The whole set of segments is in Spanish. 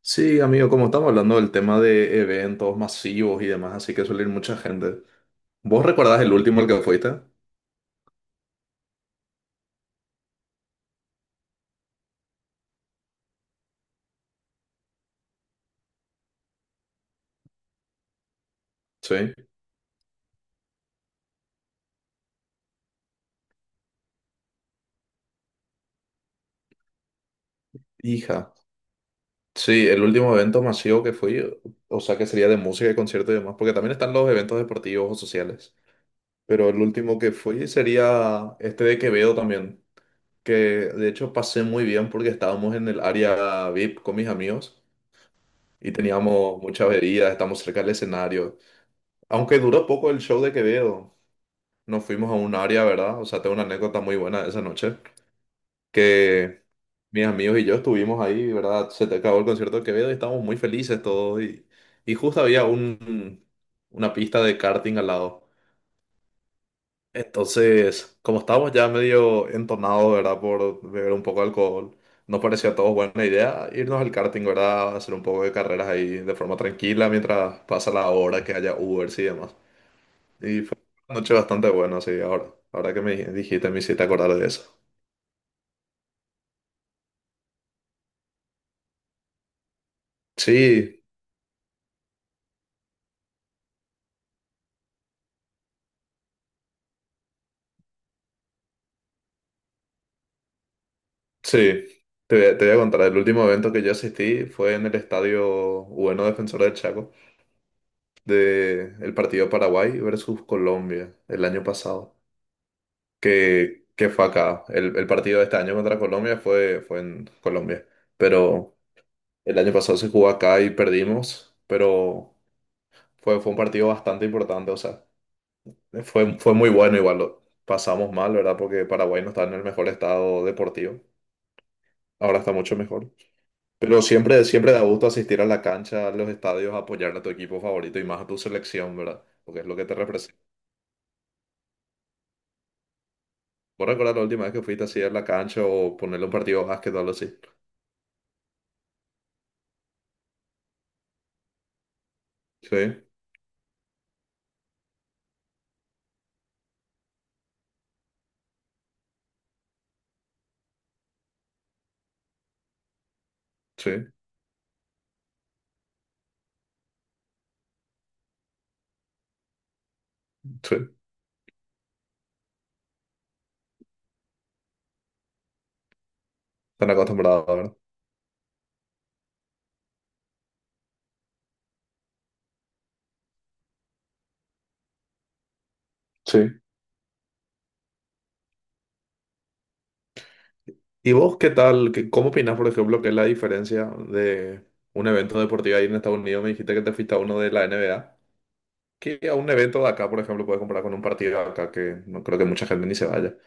Sí, amigo, como estamos hablando del tema de eventos masivos y demás, así que suele ir mucha gente. ¿Vos recordás el último al que fuiste? Sí. Hija. Sí, el último evento masivo que fui, o sea, que sería de música y concierto y demás, porque también están los eventos deportivos o sociales. Pero el último que fui sería este de Quevedo también, que de hecho pasé muy bien porque estábamos en el área VIP con mis amigos y teníamos muchas bebidas, estamos cerca del escenario. Aunque duró poco el show de Quevedo, nos fuimos a un área, ¿verdad? O sea, tengo una anécdota muy buena de esa noche, que mis amigos y yo estuvimos ahí, ¿verdad? Se te acabó el concierto de Quevedo y estábamos muy felices todos y, y justo había una pista de karting al lado. Entonces, como estábamos ya medio entonados, ¿verdad? Por beber un poco de alcohol, nos parecía a todos buena idea irnos al karting, ¿verdad? Hacer un poco de carreras ahí de forma tranquila mientras pasa la hora, que haya Ubers y demás. Y fue una noche bastante buena, sí, ahora que me dijiste, me hiciste acordar de eso. Sí, sí, te voy a contar, el último evento que yo asistí fue en el estadio, bueno, Defensor del Chaco, de el partido Paraguay versus Colombia, el año pasado, que fue acá. El partido de este año contra Colombia fue en Colombia, pero el año pasado se jugó acá y perdimos, pero fue un partido bastante importante, o sea. Fue muy bueno, igual lo pasamos mal, ¿verdad? Porque Paraguay no está en el mejor estado deportivo. Ahora está mucho mejor. Pero siempre, siempre da gusto asistir a la cancha, a los estadios, a apoyar a tu equipo favorito y más a tu selección, ¿verdad? Porque es lo que te representa. ¿Vos recordás la última vez que fuiste así a la cancha o ponerle un partido de básquet o algo así? Sí, sí, sí. Están acostumbrados, ¿verdad? Sí. ¿Y vos qué tal? ¿Cómo opinás, por ejemplo, que es la diferencia de un evento deportivo ahí en Estados Unidos? Me dijiste que te fuiste a uno de la NBA, que a un evento de acá, por ejemplo, puedes comparar con un partido de acá que no creo que mucha gente ni se vaya.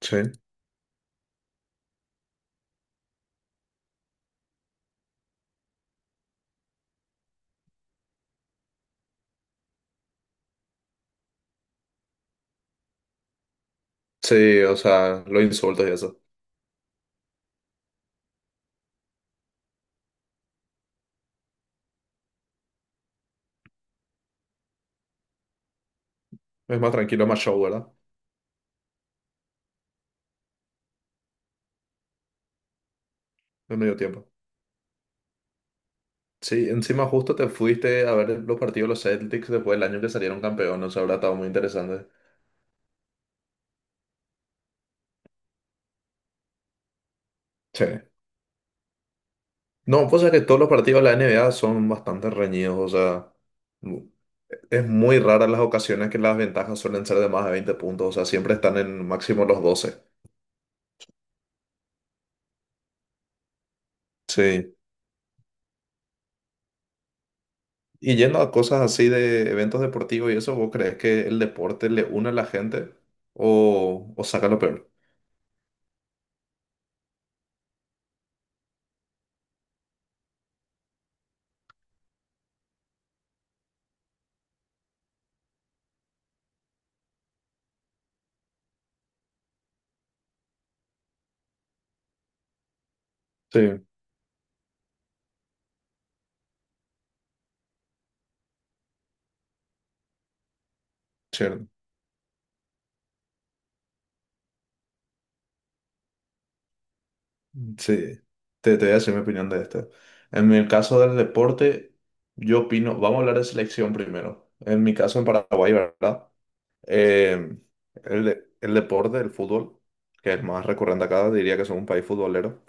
Sí. Sí, o sea, los insultos y eso. Es más tranquilo, más show, ¿verdad? En medio tiempo. Sí, encima justo te fuiste a ver los partidos de los Celtics después del año que salieron campeones, o sea, habrá estado muy interesante. Sí. No, pues es que todos los partidos de la NBA son bastante reñidos, o sea, mu- es muy rara las ocasiones que las ventajas suelen ser de más de 20 puntos, o sea, siempre están en máximo los 12. Sí. Y yendo a cosas así de eventos deportivos y eso, ¿vos crees que el deporte le une a la gente o saca lo peor? Sí, cierto. Sí, te voy a decir mi opinión de esto. En el caso del deporte, yo opino, vamos a hablar de selección primero. En mi caso en Paraguay, ¿verdad? Eh, el deporte, el fútbol, que es más recurrente acá, diría que somos un país futbolero,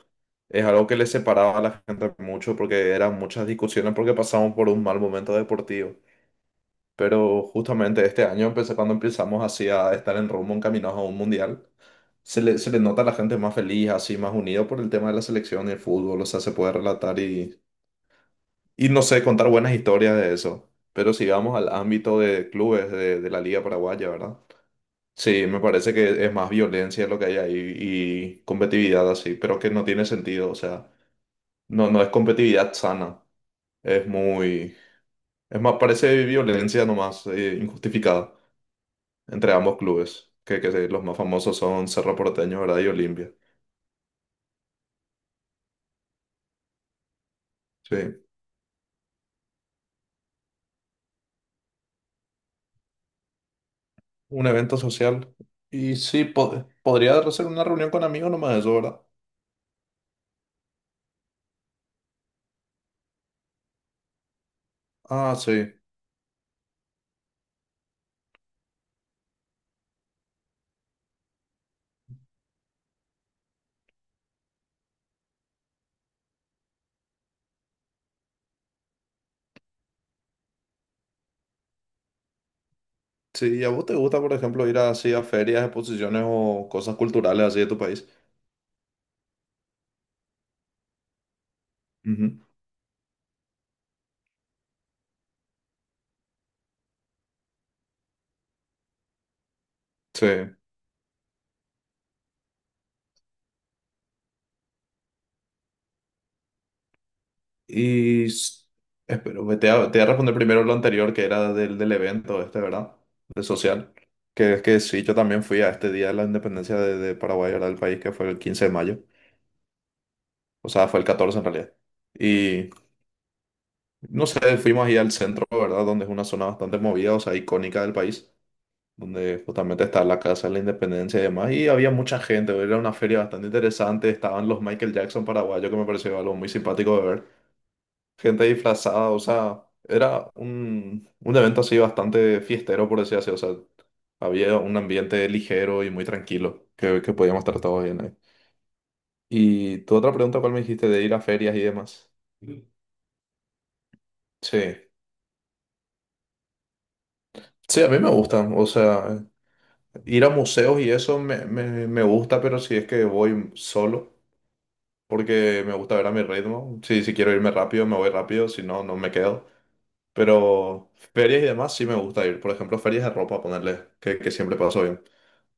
es algo que le separaba a la gente mucho porque eran muchas discusiones porque pasamos por un mal momento deportivo. Pero justamente este año, empecé, cuando empezamos así a estar en rumbo, encaminados a un mundial, se le nota a la gente más feliz, así, más unida por el tema de la selección y el fútbol. O sea, se puede relatar y, no sé, contar buenas historias de eso. Pero si vamos al ámbito de clubes de la Liga Paraguaya, ¿verdad? Sí, me parece que es más violencia lo que hay ahí y competitividad así, pero que no tiene sentido. O sea, no es competitividad sana. Es muy... Es más, parece violencia nomás, injustificada, entre ambos clubes, que los más famosos son Cerro Porteño, ¿verdad? Y Olimpia. Sí, un evento social. Y sí, podría ser una reunión con amigos nomás eso, ¿verdad? Ah, sí. Sí, ¿y a vos te gusta, por ejemplo, ir así a ferias, exposiciones o cosas culturales así de tu país? Ujú. Sí. Y s- Espero, te voy a responder primero lo anterior, que era del evento este, ¿verdad? De social. Que es que sí, yo también fui a este día de la independencia de Paraguay, ¿verdad? Del país, que fue el 15 de mayo. O sea, fue el 14 en realidad. Y no sé, fuimos ahí al centro, ¿verdad? Donde es una zona bastante movida, o sea, icónica del país, donde justamente está la Casa de la Independencia y demás. Y había mucha gente, era una feria bastante interesante. Estaban los Michael Jackson paraguayos, que me pareció algo muy simpático de ver. Gente disfrazada, o sea, era un evento así bastante fiestero, por decir así. O sea, había un ambiente ligero y muy tranquilo, que podíamos estar todos bien ahí. Y tu otra pregunta, ¿cuál me dijiste de ir a ferias y demás? Sí. Sí, a mí me gustan, o sea, ir a museos y eso me gusta, pero si es que voy solo, porque me gusta ver a mi ritmo. Si quiero irme rápido, me voy rápido, si no, no me quedo. Pero ferias y demás sí me gusta ir. Por ejemplo, ferias de ropa, ponerle, que siempre paso bien.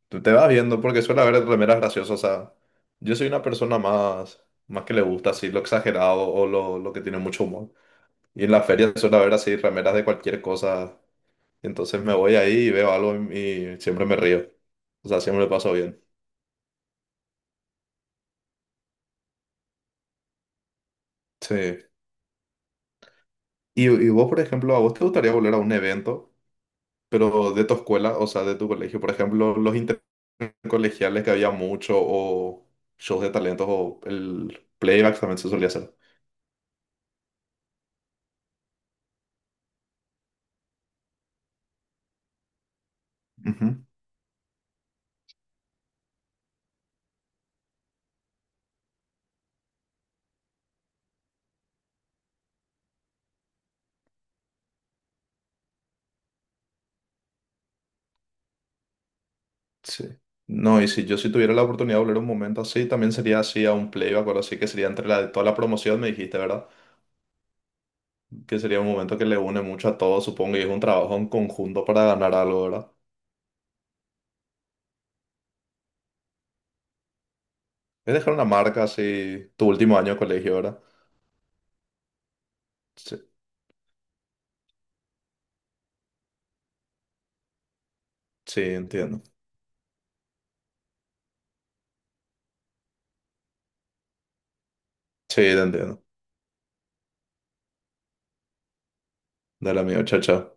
Te vas viendo, porque suele haber remeras graciosas. O sea, yo soy una persona más que le gusta así lo exagerado o lo que tiene mucho humor. Y en las ferias suele haber así remeras de cualquier cosa, entonces me voy ahí y veo algo y siempre me río. O sea, siempre lo paso bien. Sí. Y vos, por ejemplo, ¿a vos te gustaría volver a un evento, pero de tu escuela, o sea, de tu colegio? Por ejemplo, los intercolegiales que había mucho, o shows de talentos, o el playback también se solía hacer. Ujú. Sí. No, y si yo si tuviera la oportunidad de volver un momento así, también sería así a un playback o algo así, que sería entre la de toda la promoción, me dijiste, ¿verdad? Que sería un momento que le une mucho a todos, supongo, y es un trabajo en conjunto para ganar algo, ¿verdad? Es dejar una marca así, tu último año de colegio, ¿verdad? Sí, sí, entiendo. Sí, te entiendo. Dale, amigo, chao, chao.